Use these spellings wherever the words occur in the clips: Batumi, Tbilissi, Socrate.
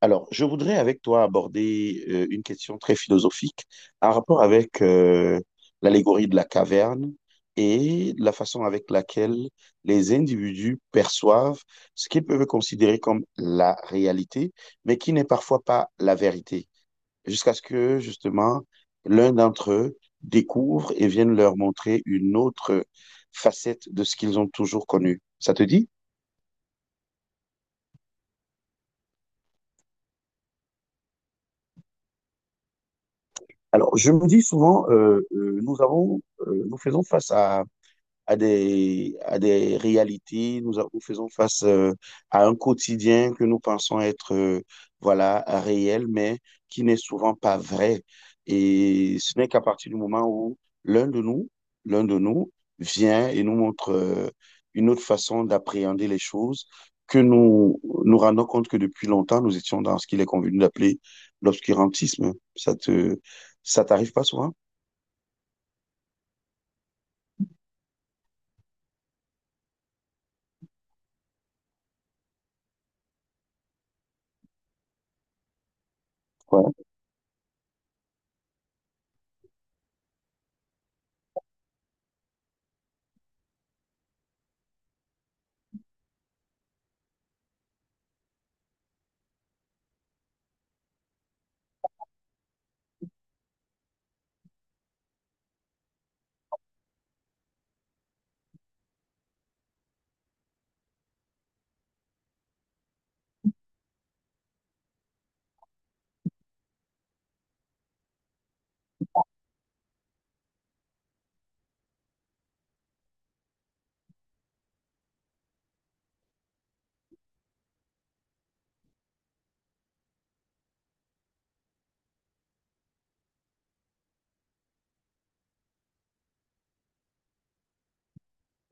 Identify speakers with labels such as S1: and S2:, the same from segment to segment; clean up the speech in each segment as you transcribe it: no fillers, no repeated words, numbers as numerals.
S1: Alors, je voudrais avec toi aborder une question très philosophique en rapport avec l'allégorie de la caverne et la façon avec laquelle les individus perçoivent ce qu'ils peuvent considérer comme la réalité, mais qui n'est parfois pas la vérité, jusqu'à ce que justement l'un d'entre eux découvre et vienne leur montrer une autre facette de ce qu'ils ont toujours connu. Ça te dit? Alors, je me dis souvent, nous faisons face à des réalités, nous faisons face à un quotidien que nous pensons être voilà, réel, mais qui n'est souvent pas vrai. Et ce n'est qu'à partir du moment où l'un de nous, l'un de nous vient et nous montre une autre façon d'appréhender les choses que nous nous rendons compte que depuis longtemps, nous étions dans ce qu'il est convenu d'appeler l'obscurantisme. Ça t'arrive pas souvent? Ouais.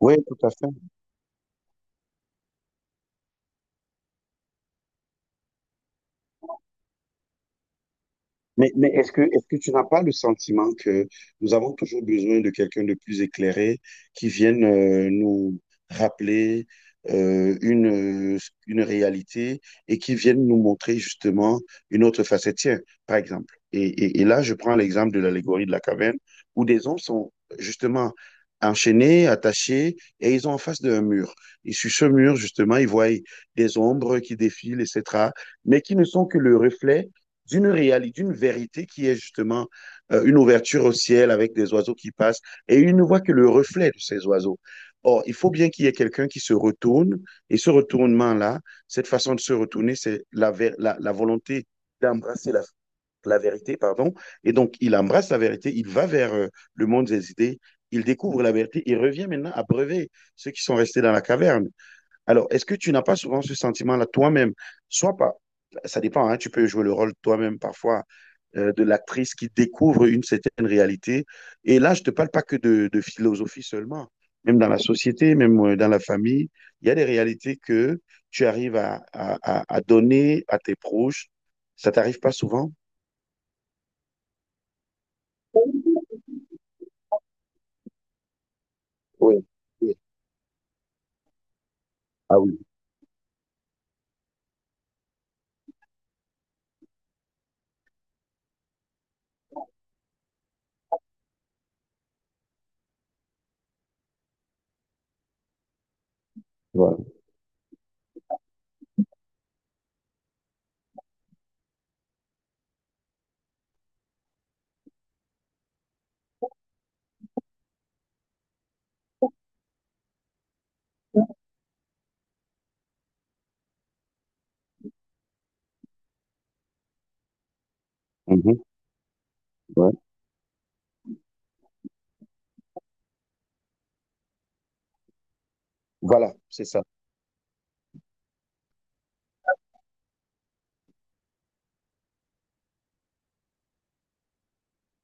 S1: Oui, tout à fait. Mais est-ce que tu n'as pas le sentiment que nous avons toujours besoin de quelqu'un de plus éclairé qui vienne nous rappeler euh, une, euh, une réalité et qui vienne nous montrer justement une autre facette? Tiens, par exemple, et là, je prends l'exemple de l'allégorie de la caverne où des hommes sont justement enchaînés, attachés et ils ont en face d'un mur. Et sur ce mur, justement, ils voient des ombres qui défilent, etc., mais qui ne sont que le reflet d'une réalité, d'une vérité qui est justement une ouverture au ciel avec des oiseaux qui passent et il ne voit que le reflet de ces oiseaux. Or, il faut bien qu'il y ait quelqu'un qui se retourne et ce retournement-là, cette façon de se retourner, c'est la volonté d'embrasser la vérité, pardon. Et donc, il embrasse la vérité, il va vers le monde des idées, il découvre la vérité, il revient maintenant à breuver ceux qui sont restés dans la caverne. Alors, est-ce que tu n'as pas souvent ce sentiment-là toi-même? Soit pas, ça dépend, hein, tu peux jouer le rôle toi-même parfois de l'actrice qui découvre une certaine réalité. Et là, je ne te parle pas que de philosophie seulement. Même dans la société, même dans la famille, il y a des réalités que tu arrives à donner à tes proches. Ça t'arrive pas souvent? Oui, oui. Ah oui, voilà. Mhm, ouais. Voilà, c'est ça.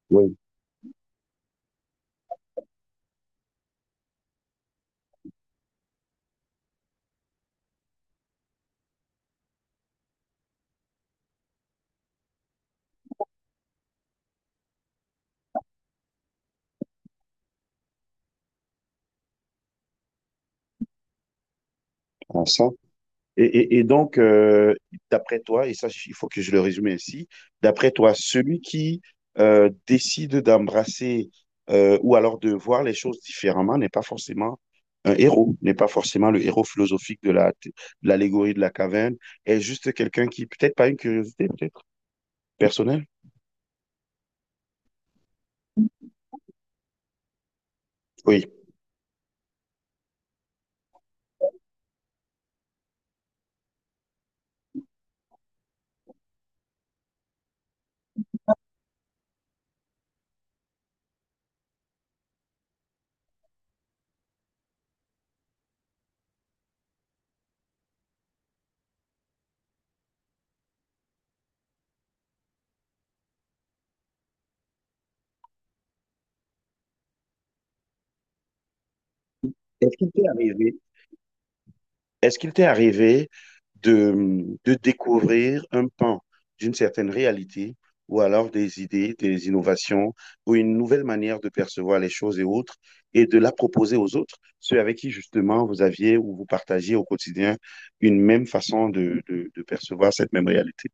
S1: Oui, à ça. Et donc, d'après toi, et ça, il faut que je le résume ainsi, d'après toi, celui qui décide d'embrasser ou alors de voir les choses différemment n'est pas forcément un héros, n'est pas forcément le héros philosophique de l'allégorie de la caverne, est juste quelqu'un qui, peut-être pas une curiosité, peut-être personnelle. Oui. Est-ce qu'il t'est arrivé Est-ce qu'il t'est arrivé de découvrir un pan d'une certaine réalité ou alors des idées, des innovations ou une nouvelle manière de percevoir les choses et autres et de la proposer aux autres, ceux avec qui justement vous aviez ou vous partagez au quotidien une même façon de, de percevoir cette même réalité?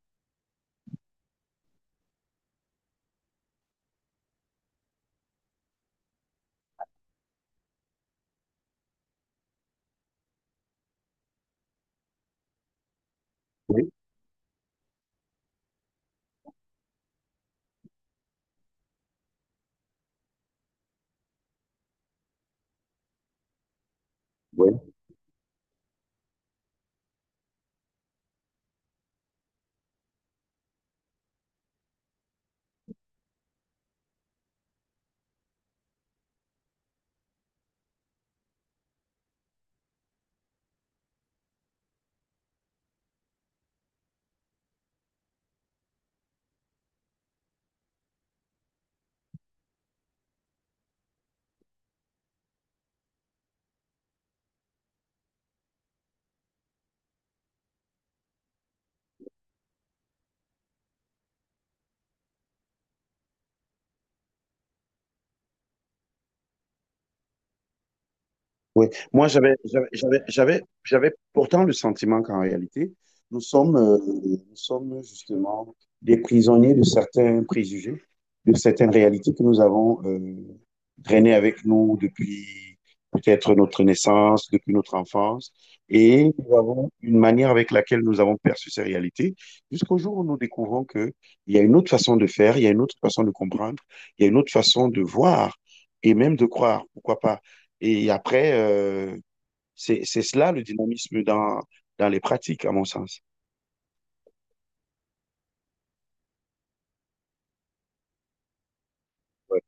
S1: Oui, oui. Oui, moi j'avais pourtant le sentiment qu'en réalité, nous sommes justement des prisonniers de certains préjugés, de certaines réalités que nous avons traînées avec nous depuis peut-être notre naissance, depuis notre enfance, et nous avons une manière avec laquelle nous avons perçu ces réalités, jusqu'au jour où nous découvrons que il y a une autre façon de faire, il y a une autre façon de comprendre, il y a une autre façon de voir et même de croire, pourquoi pas. Et après, c'est cela le dynamisme dans les pratiques, à mon sens. Ouais.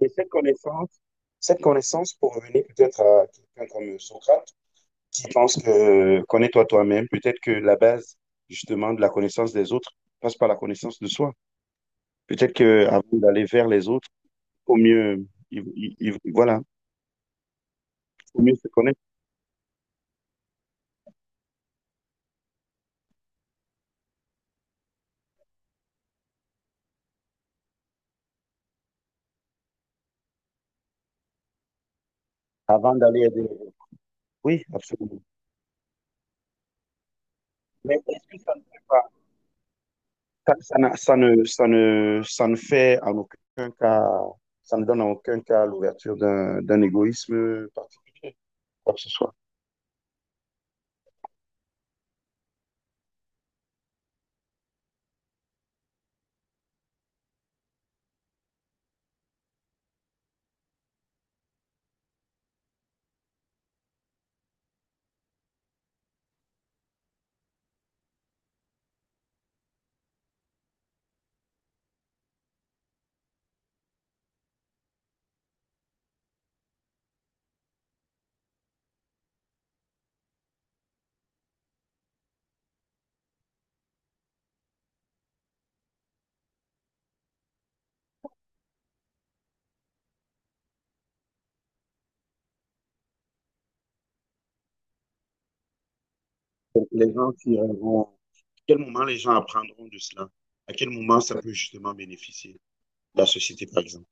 S1: Et cette connaissance, pour revenir peut-être à quelqu'un comme Socrate, qui pense que connais-toi toi-même, peut-être que la base justement de la connaissance des autres passe par la connaissance de soi. Peut-être que avant d'aller vers les autres, au mieux, voilà, au mieux se connaître avant d'aller aider. Les. Oui, absolument. Mais est-ce que ça ne fait pas Ça ne fait en aucun cas, ça ne donne en aucun cas l'ouverture d'un égoïsme particulier, quoi que ce soit. Les gens qui vont, À quel moment les gens apprendront de cela? À quel moment ça peut justement bénéficier la société, par exemple?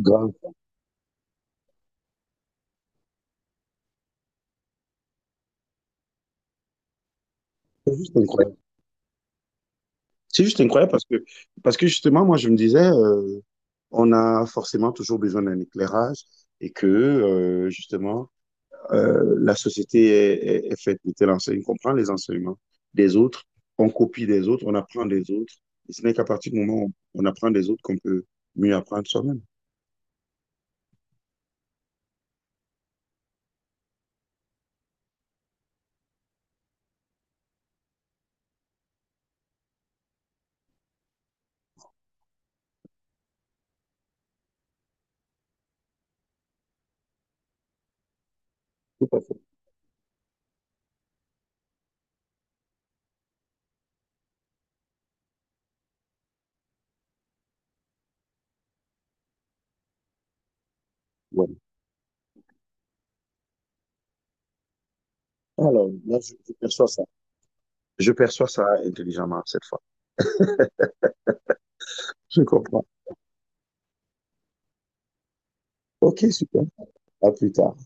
S1: Grave, c'est juste incroyable. C'est juste incroyable parce que, justement, moi, je me disais, on a forcément toujours besoin d'un éclairage et que, justement, la société est faite de telle enseigne qu'on prend les enseignements des autres, on copie des autres, on apprend des autres. Et ce n'est qu'à partir du moment où on apprend des autres qu'on peut mieux apprendre soi-même. Tout à fait. Voilà. Alors, là, je perçois ça. Je perçois ça intelligemment cette fois. Je comprends. OK, super. À plus tard.